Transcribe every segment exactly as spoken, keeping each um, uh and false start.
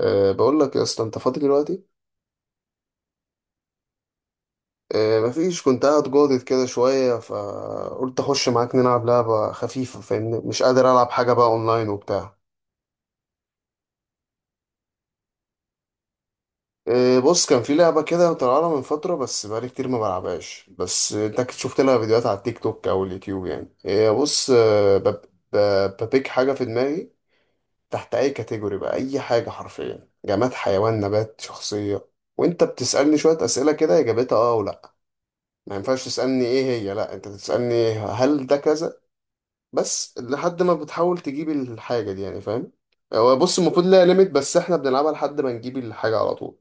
أه بقول لك يا اسطى، انت فاضي دلوقتي؟ أه مفيش، كنت قاعد جاضد كده شويه، فقلت اخش معاك نلعب لعبه خفيفه فاهمني، مش قادر العب حاجه بقى اونلاين وبتاع. أه بص، كان في لعبه كده طالعه من فتره، بس بقالي كتير ما بلعبهاش، بس انت اكيد شفت لها فيديوهات على التيك توك او اليوتيوب يعني. أه بص، أه بب- ب- ببيك حاجه في دماغي، تحت اي كاتيجوري بقى، اي حاجه حرفيا، جماد، حيوان، نبات، شخصيه، وانت بتسالني شويه اسئله كده اجابتها اه ولا. ما ينفعش تسألني ايه هي، لا انت تسألني هل ده كذا، بس لحد ما بتحاول تجيب الحاجة دي، يعني فاهم. هو بص، المفروض ليها ليميت، بس احنا بنلعبها لحد ما نجيب الحاجة على طول.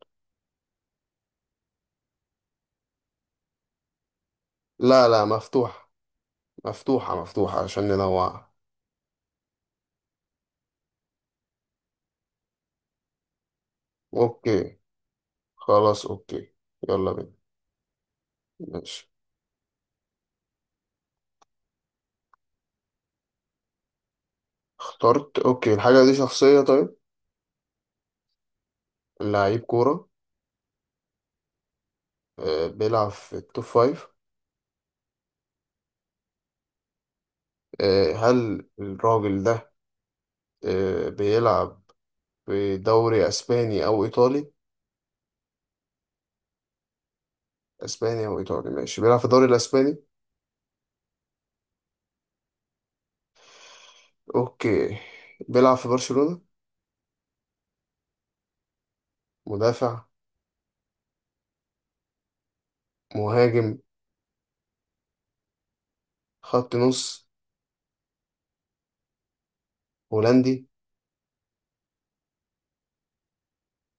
لا لا، مفتوحة. مفتوحة مفتوحة عشان ننوعها. اوكي. خلاص اوكي. يلا بينا. ماشي اخترت. اوكي، الحاجة دي شخصية طيب. لعيب كورة. آه، بيلعب في التوب فايف. آه، هل الراجل ده آه، بيلعب في دوري اسباني او ايطالي. اسبانيا وايطالي، ماشي. بيلعب في الدوري الاسباني. اوكي. بيلعب في برشلونة. مدافع. مهاجم. خط نص. هولندي.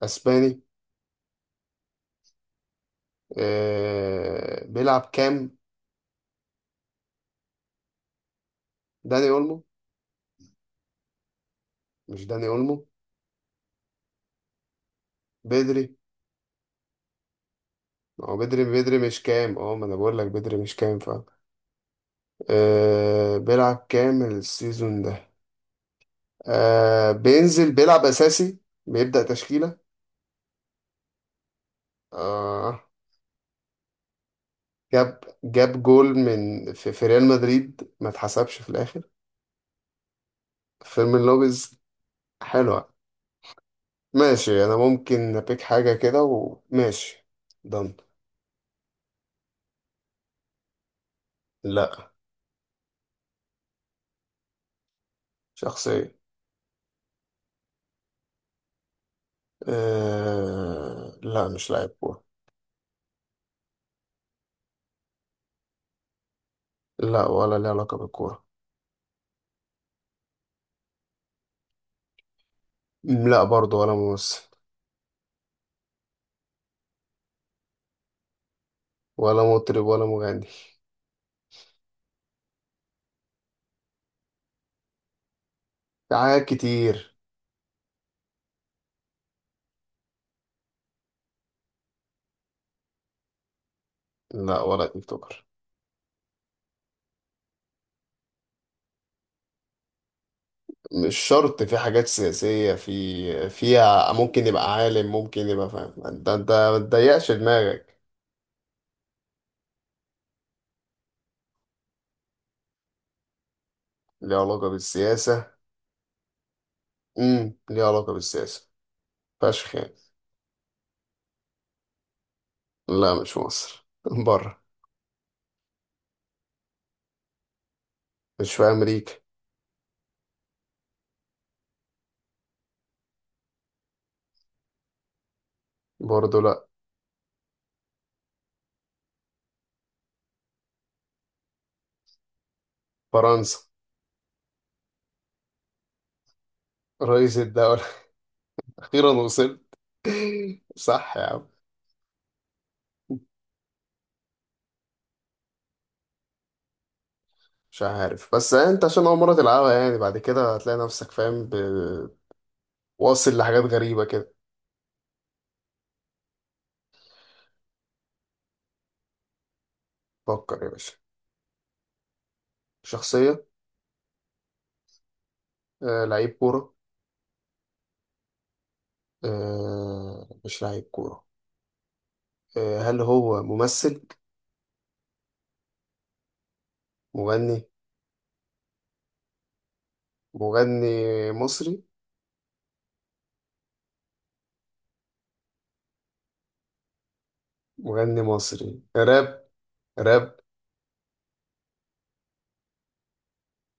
اسباني. آه... بيلعب كام؟ داني اولمو. مش داني اولمو. بدري. ما هو بدري بدري، مش كام. اه، ما انا بقول لك بدري مش كام فعلا. آه... بيلعب كام السيزون ده؟ آه... بينزل بيلعب اساسي، بيبدأ تشكيلة. آه... جاب جاب جول من في, في ريال مدريد ما اتحسبش في الاخر. فيلم اللوبيز. حلوة. ماشي انا ممكن ابيك حاجة كده، وماشي ضن. لا. شخصية. أه... لا، مش لاعب كورة. لا، ولا ليه علاقة بالكورة. م، لا برضه، ولا ممثل. ولا مطرب ولا مغني. في حاجات كتير. لا، ولا يوتيوبر. مش شرط، في حاجات سياسية، في فيها ممكن يبقى عالم، ممكن يبقى فاهم، انت انت ما تضيقش دماغك. ليه علاقة بالسياسة. امم ليه علاقة بالسياسة. فشخ يعني. لا، مش مصر بره. مش في أمريكا. برضه لا. فرنسا. رئيس الدولة. أخيرا وصلت. صح يا عم. مش عارف، بس أنت عشان أول مرة تلعبها يعني، بعد كده هتلاقي نفسك فاهم، ب- واصل لحاجات غريبة كده. فكر يا باشا. شخصية. آه لعيب كورة. آه مش لعيب كورة. آه هل هو ممثل؟ مغني. مغني مصري. مغني مصري راب. راب.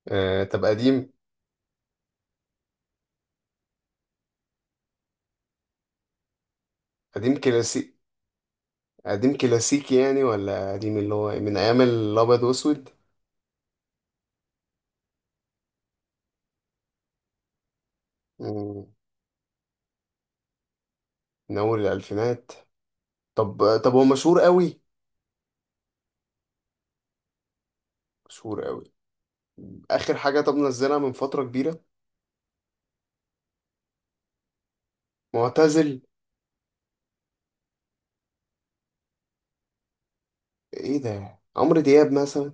آه طب قديم. قديم كلاسيك. قديم كلاسيكي يعني، ولا قديم اللي هو من ايام الابيض واسود. مم، من اول الالفينات. طب طب هو مشهور قوي. مشهور قوي. اخر حاجه طب نزلها من فتره كبيره. معتزل. ايه ده، عمرو دياب مثلا؟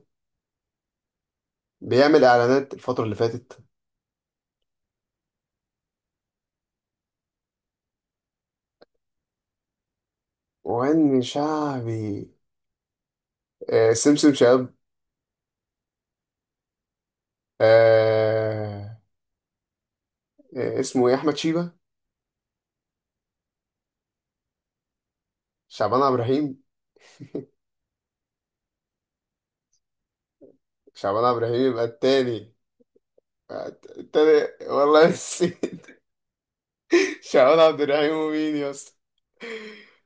بيعمل اعلانات الفتره اللي فاتت. مغني شعبي. آه سمسم شاب. آه آه اسمه ايه، احمد شيبه. شعبان عبد الرحيم. شعبان عبد الرحيم يبقى التاني. التاني والله نسيت. شعبان عبد الرحيم ومين يا اسطى.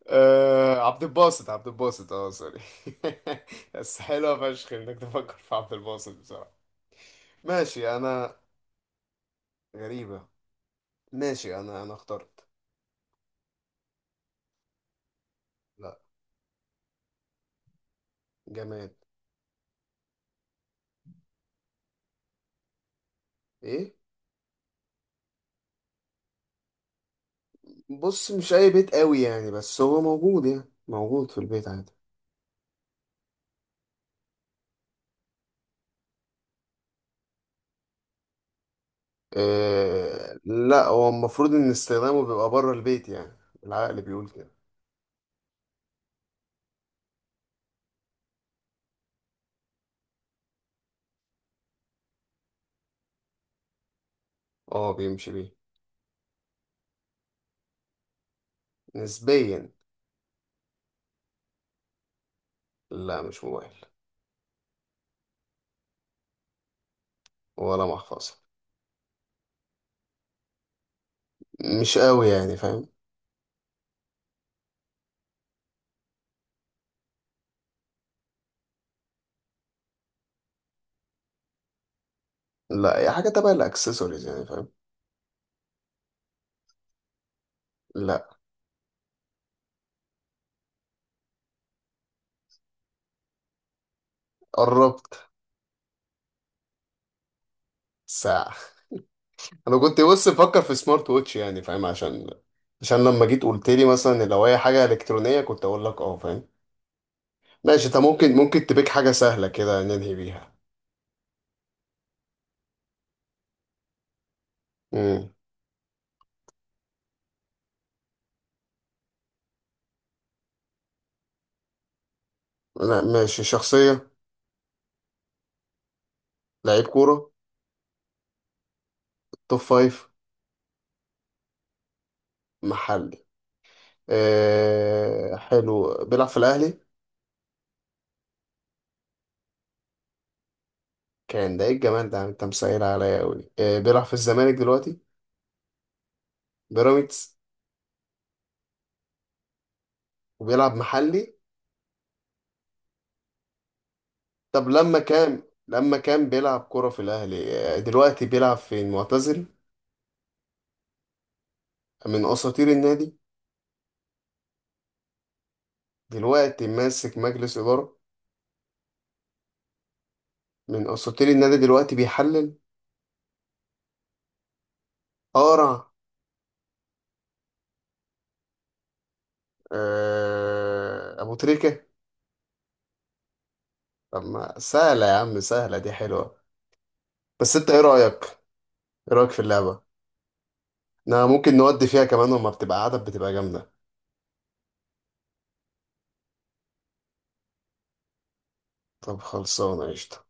آه عبد الباسط. عبد الباسط، اه سوري. بس حلوة فشخ انك تفكر في عبد الباسط بصراحة. ماشي انا. غريبة. ماشي انا انا اخترت. لا. جماد. ايه. بص، مش اي بيت قوي يعني، بس هو موجود، يعني موجود في البيت عادي. آه لا، هو المفروض ان استخدامه بيبقى بره البيت يعني. العقل بيقول كده. اه بيمشي بيه. نسبيا. لا، مش موبايل. ولا محفظة. مش قوي يعني فاهم. لا، هي حاجة تبع الاكسسوارز يعني فاهم. لا. قربت. ساعة. انا كنت بص بفكر في سمارت ووتش يعني فاهم، عشان عشان لما جيت قلت لي مثلا لو هي حاجة إلكترونية كنت اقول لك اه فاهم. ماشي، انت ممكن ممكن تبيك حاجة سهلة كده ننهي بيها. امم. لا، ماشي. شخصية. لعيب كورة. توب فايف. محلي. أه حلو، بيلعب في الاهلي. كان. ده ايه الجمال ده، انت مسهل عليا قوي. أه بيلعب في الزمالك دلوقتي. بيراميدز. وبيلعب محلي. طب لما كان لما كان بيلعب كرة في الأهلي، آه، دلوقتي بيلعب فين؟ معتزل. من أساطير النادي. دلوقتي ماسك مجلس إدارة. من أساطير النادي، دلوقتي بيحلل. قارع. آه، أبو تريكة. طب ما سهلة يا عم، سهلة دي حلوة. بس أنت إيه رأيك؟ إيه رأيك في اللعبة؟ أنا ممكن نودي فيها كمان، وما بتبقى عدد، بتبقى جامدة. طب خلصانة قشطة.